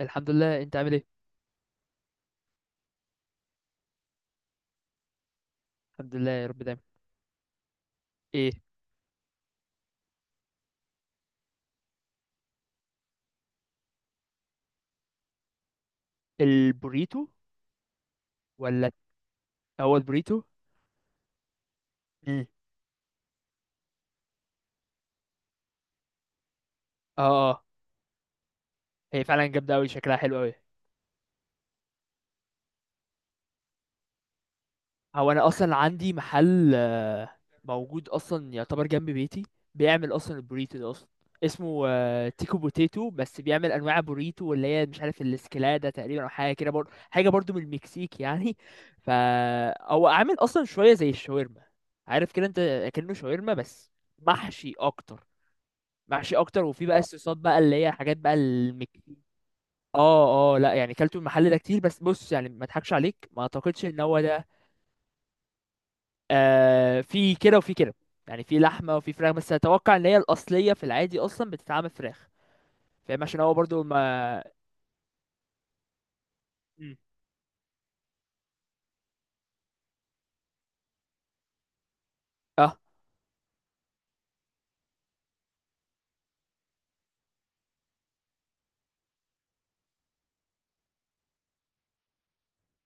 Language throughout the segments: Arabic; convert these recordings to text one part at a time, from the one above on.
الحمد لله، انت عامل ايه؟ الحمد لله يا رب دايما. ايه؟ البوريتو ولا؟ هو البوريتو. مم. اه، اه. هي فعلا جامده قوي، شكلها حلو قوي. هو انا اصلا عندي محل موجود اصلا يعتبر جنب بيتي، بيعمل اصلا البوريتو ده اصلا. اسمه تيكو بوتيتو، بس بيعمل انواع بوريتو، واللي هي مش عارف الاسكلاده تقريبا او حاجه كده برضه، حاجه برضه من المكسيك يعني. فا هو عامل اصلا شويه زي الشاورما، عارف كده انت. كأنه شاورما بس محشي اكتر. محشي اكتر، وفي بقى الصوصات بقى اللي هي حاجات بقى المكسيك. اه، اه، لا يعني كلته المحل ده كتير، بس بص يعني ما اضحكش عليك، ما اعتقدش ان هو ده. في كده وفي كده. يعني في لحمه وفي فراخ، بس اتوقع ان هي الاصليه في العادي اصلا بتتعمل فراخ. فاهم عشان هو برضو ما. مم. اه،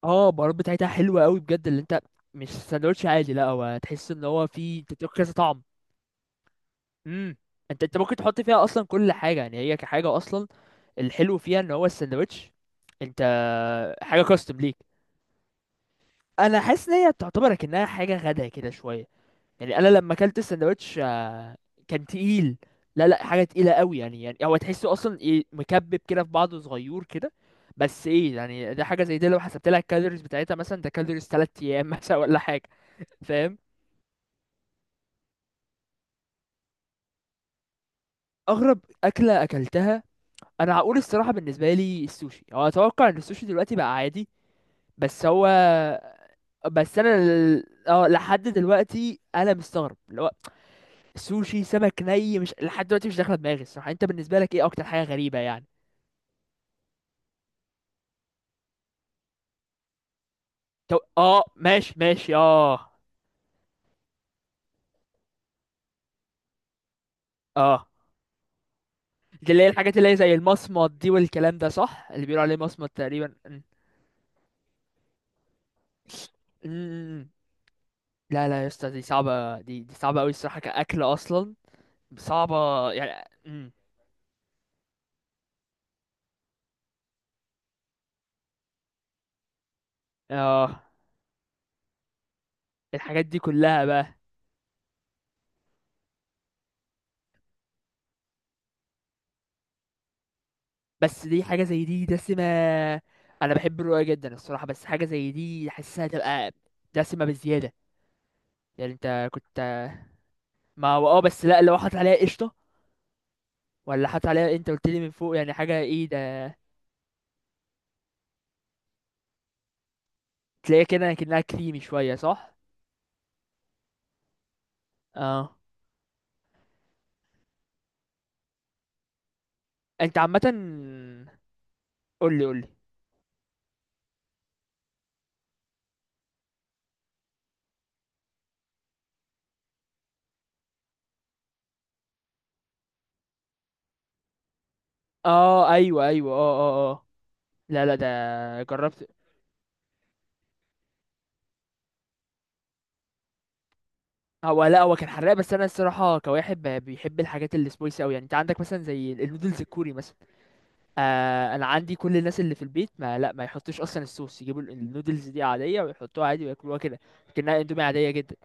اه، البهارات بتاعتها حلوه قوي بجد اللي انت. مش ساندوتش عادي، لا هو تحس ان هو في، تديك كذا طعم. امم. انت ممكن تحط فيها اصلا كل حاجه، يعني هي كحاجه اصلا الحلو فيها ان هو الساندوتش انت. حاجه كاستم ليك. انا حاسس ان هي تعتبر كأنها حاجه غدا كده شويه. يعني انا لما اكلت الساندوتش كان تقيل. لا، لا، حاجه تقيله قوي يعني هو تحسه اصلا ايه، مكبب كده في بعضه، صغير كده. بس ايه يعني، ده حاجه زي دي لو حسبت لها الكالوريز بتاعتها مثلا ده كالوريز 3 ايام مثلا ولا حاجه. فاهم. اغرب اكله اكلتها، انا هقول الصراحه بالنسبه لي السوشي. هو اتوقع ان السوشي دلوقتي بقى عادي. بس هو بس انا لحد دلوقتي انا مستغرب اللي هو سوشي سمك ني. مش لحد دلوقتي مش داخله دماغي الصراحه. انت بالنسبه لك ايه اكتر حاجه غريبه يعني؟ اه، ماشي ماشي، اه. اه، دي اللي هي الحاجات اللي هي زي المصمت دي والكلام ده صح، اللي بيقولوا عليه مصمت تقريبا م- م- م. لا، لا، يا اسطى دي صعبه، دي صعبه قوي الصراحه كاكل اصلا. صعبه يعني. اه، الحاجات دي كلها بقى. بس دي حاجة زي دي دسمة. أنا بحب الرؤية جدا الصراحة، بس حاجة زي دي حاسسها تبقى دسمة بزيادة. يعني أنت كنت، ما هو أه، بس لأ لو حاطط عليها قشطة، ولا حاطط عليها، أنت قلت لي من فوق يعني حاجة إيه ده. تلاقيها كده كأنها كريمي شوية، صح؟ أه. أنت عامة، قولي، قولي. أه، أيوه، أيوه، أه، أه، أه. لا، لا، ده جربت. هو لا، هو كان حراق، بس أنا الصراحة كواحد بيحب الحاجات السبايسي أوي. يعني أنت عندك مثلا زي النودلز الكوري مثلا. انا عندي كل الناس اللي في البيت، ما يحطوش اصلا الصوص، يجيبوا النودلز دي عاديه ويحطوها عادي وياكلوها كده. لكنها اندومي عاديه جدا.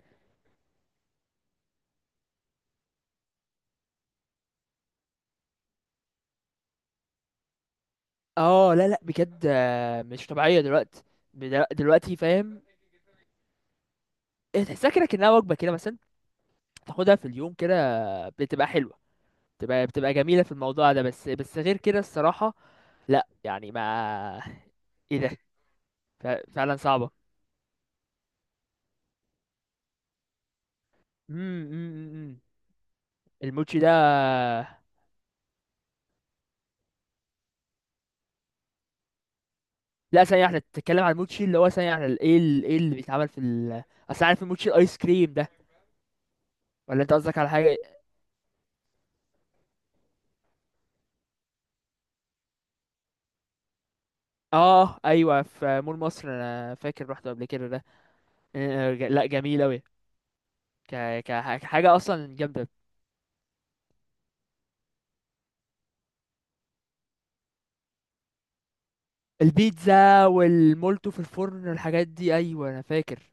اه، لا، لا، بجد مش طبيعيه دلوقتي. دلوقتي فاهم. إيه، تحسها كده كانها وجبه كده مثلا، تاخدها في اليوم كده، بتبقى حلوه. بتبقى جميله في الموضوع ده، بس غير كده الصراحه لا، يعني ما. ايه ده. ف- فعلا صعبه. امم. امم، امم، امم. الموتشي ده. لا، ثانية واحدة، بتتكلم عن الموتشي اللي هو ثانية واحدة ال- ايه ال- ايه اللي بيتعمل في ال. أصل عارف الموتشي الآيس كريم ده، ولا أنت قصدك على حاجة؟ اه، أيوه، في مول مصر، أنا فاكر رحته قبل كده ده. لا جميل أوي. كحاجة أصلا جامدة. البيتزا والمولتو في الفرن والحاجات دي، أيوه أنا فاكر.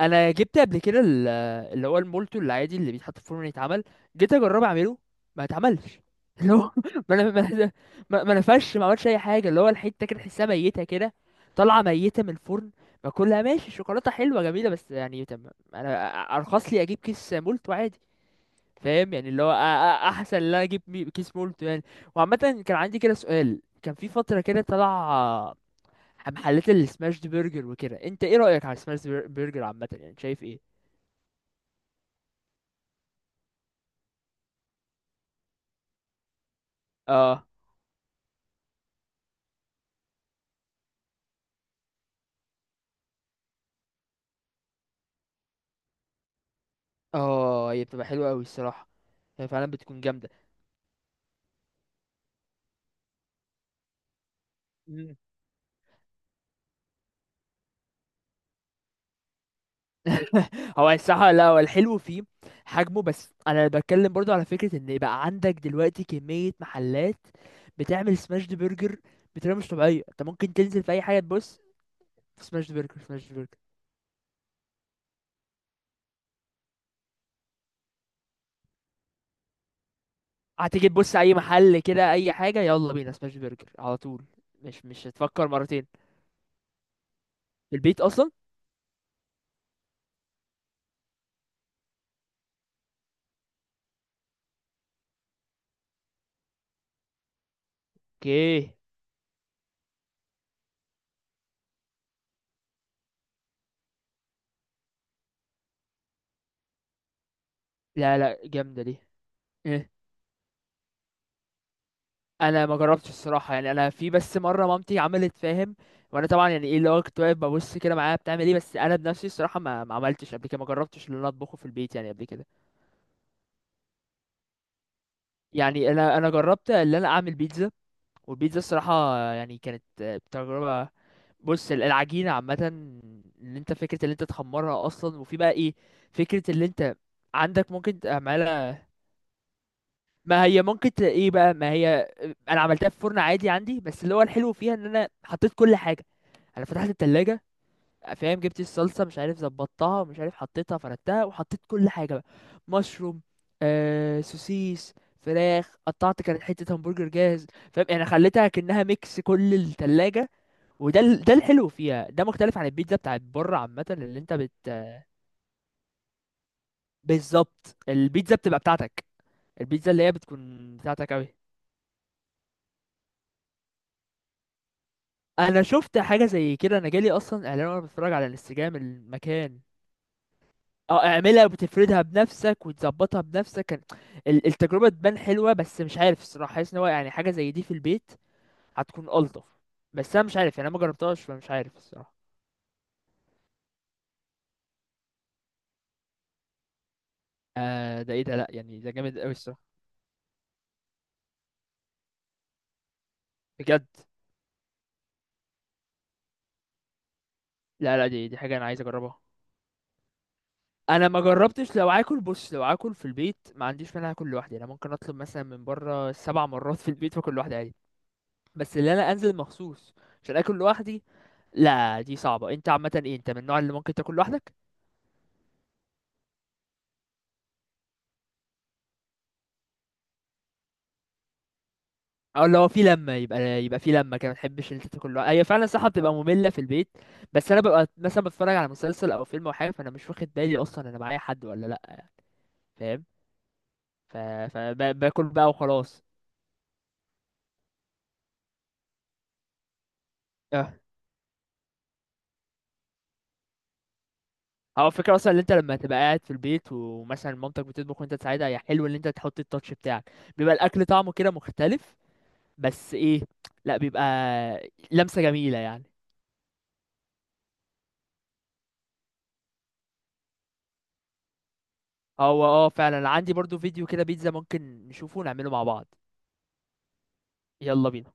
انا جبت قبل كده ال-، اللي هو المولتو العادي اللي بيتحط في الفرن يتعمل، جيت اجرب اعمله، ما اتعملش. اللي هو ما انا ما. ما نفش، ما عملش اي حاجه. اللي هو الحته كده تحسها ميته كده، طالعه ميته من الفرن. ما كلها ماشي، الشوكولاته حلوه جميله، بس يعني انا ارخص لي اجيب كيس مولتو عادي. فاهم يعني، اللي هو احسن ان انا اجيب كيس مولتو يعني. وعامه، كان عندي كده سؤال، كان في فتره كده طلع محلات السماش برجر وكده، انت ايه رايك على السماش برجر عامه، يعني شايف ايه؟ اه، اه، هي بتبقى حلوة أوي الصراحة، هي فعلا بتكون جامدة. مم. هو الصراحة، لا هو الحلو فيه حجمه. بس أنا بتكلم برضو على فكرة إن يبقى عندك دلوقتي كمية محلات بتعمل سماشد برجر بطريقة مش طبيعية. أنت ممكن تنزل في أي حاجة تبص سماشد برجر، سماشد برجر. هتيجي تبص أي محل كده، أي حاجة يلا بينا سماشد برجر على طول. مش هتفكر مرتين. في البيت أصلا. اوكي. لا، لا، جامدة دي. انا ما جربتش الصراحه، يعني انا في بس مره مامتي عملت، فاهم، وانا طبعا يعني ايه، اللي هو كنت واقف ببص كده معاها بتعمل ايه. بس انا بنفسي الصراحه ما عملتش قبل كده، ما جربتش اللي انا اطبخه في البيت يعني قبل كده. يعني انا جربت اللي انا اعمل بيتزا، والبيتزا الصراحه يعني كانت تجربه. بص العجينه عامه، ان انت فكره اللي انت تخمرها اصلا، وفي بقى ايه، فكره اللي انت عندك ممكن تعملها. ما هي ممكن ايه بقى، ما هي انا عملتها في فرن عادي عندي، بس اللي هو الحلو فيها ان انا حطيت كل حاجه. انا فتحت التلاجة، فاهم، جبت الصلصه مش عارف ظبطتها، مش عارف حطيتها، فردتها وحطيت كل حاجه بقى، مشروم، سوسيس، فراخ قطعت، كانت حته همبرجر جاهز. فاهم يعني خليتها كأنها ميكس كل التلاجة، وده ده الحلو فيها. ده مختلف عن البيتزا بتاعت بره عامه اللي انت بت. بالظبط، البيتزا بتبقى بتاعتك، البيتزا اللي هي بتكون بتاعتك قوي. انا شفت حاجه زي كده، انا جالي اصلا اعلان وانا بتفرج على الانستجرام المكان. اه، اعملها وتفردها بنفسك وتظبطها بنفسك. كان التجربة تبان حلوة، بس مش عارف الصراحة، حاسس ان هو يعني حاجة زي دي في البيت هتكون ألطف. بس انا مش عارف يعني، انا ما جربتهاش فمش عارف الصراحة. ده ايه ده، لا يعني ده جامد قوي الصراحة. بجد. لا، لا، دي حاجة انا عايز اجربها. انا ما جربتش لو اكل. بص لو اكل في البيت ما عنديش مانع اكل لوحدي، انا ممكن اطلب مثلا من بره سبع مرات في البيت واكل لوحدي عادي. بس اللي انا انزل مخصوص عشان اكل لوحدي، لا دي صعبة. انت عامة ايه، انت من النوع اللي ممكن تاكل لوحدك؟ او لو في لمه يبقى في لمه كده ما تحبش ان انت تاكل لوحدك. هي فعلا صح بتبقى ممله في البيت. بس انا ببقى مثلا بتفرج على مسلسل او فيلم او حاجه، فانا مش واخد بالي اصلا انا معايا حد ولا لا. فاهم. ف... فباكل بقى وخلاص. اه، هو الفكره اصلا ان انت لما تبقى قاعد في البيت ومثلا مامتك بتطبخ وانت تساعدها، هي حلو ان انت تحط التاتش بتاعك، بيبقى الاكل طعمه كده مختلف. بس ايه، لا بيبقى لمسه جميله يعني. هو فعلا عندي برضو فيديو كده بيتزا، ممكن نشوفه ونعمله مع بعض. يلا بينا.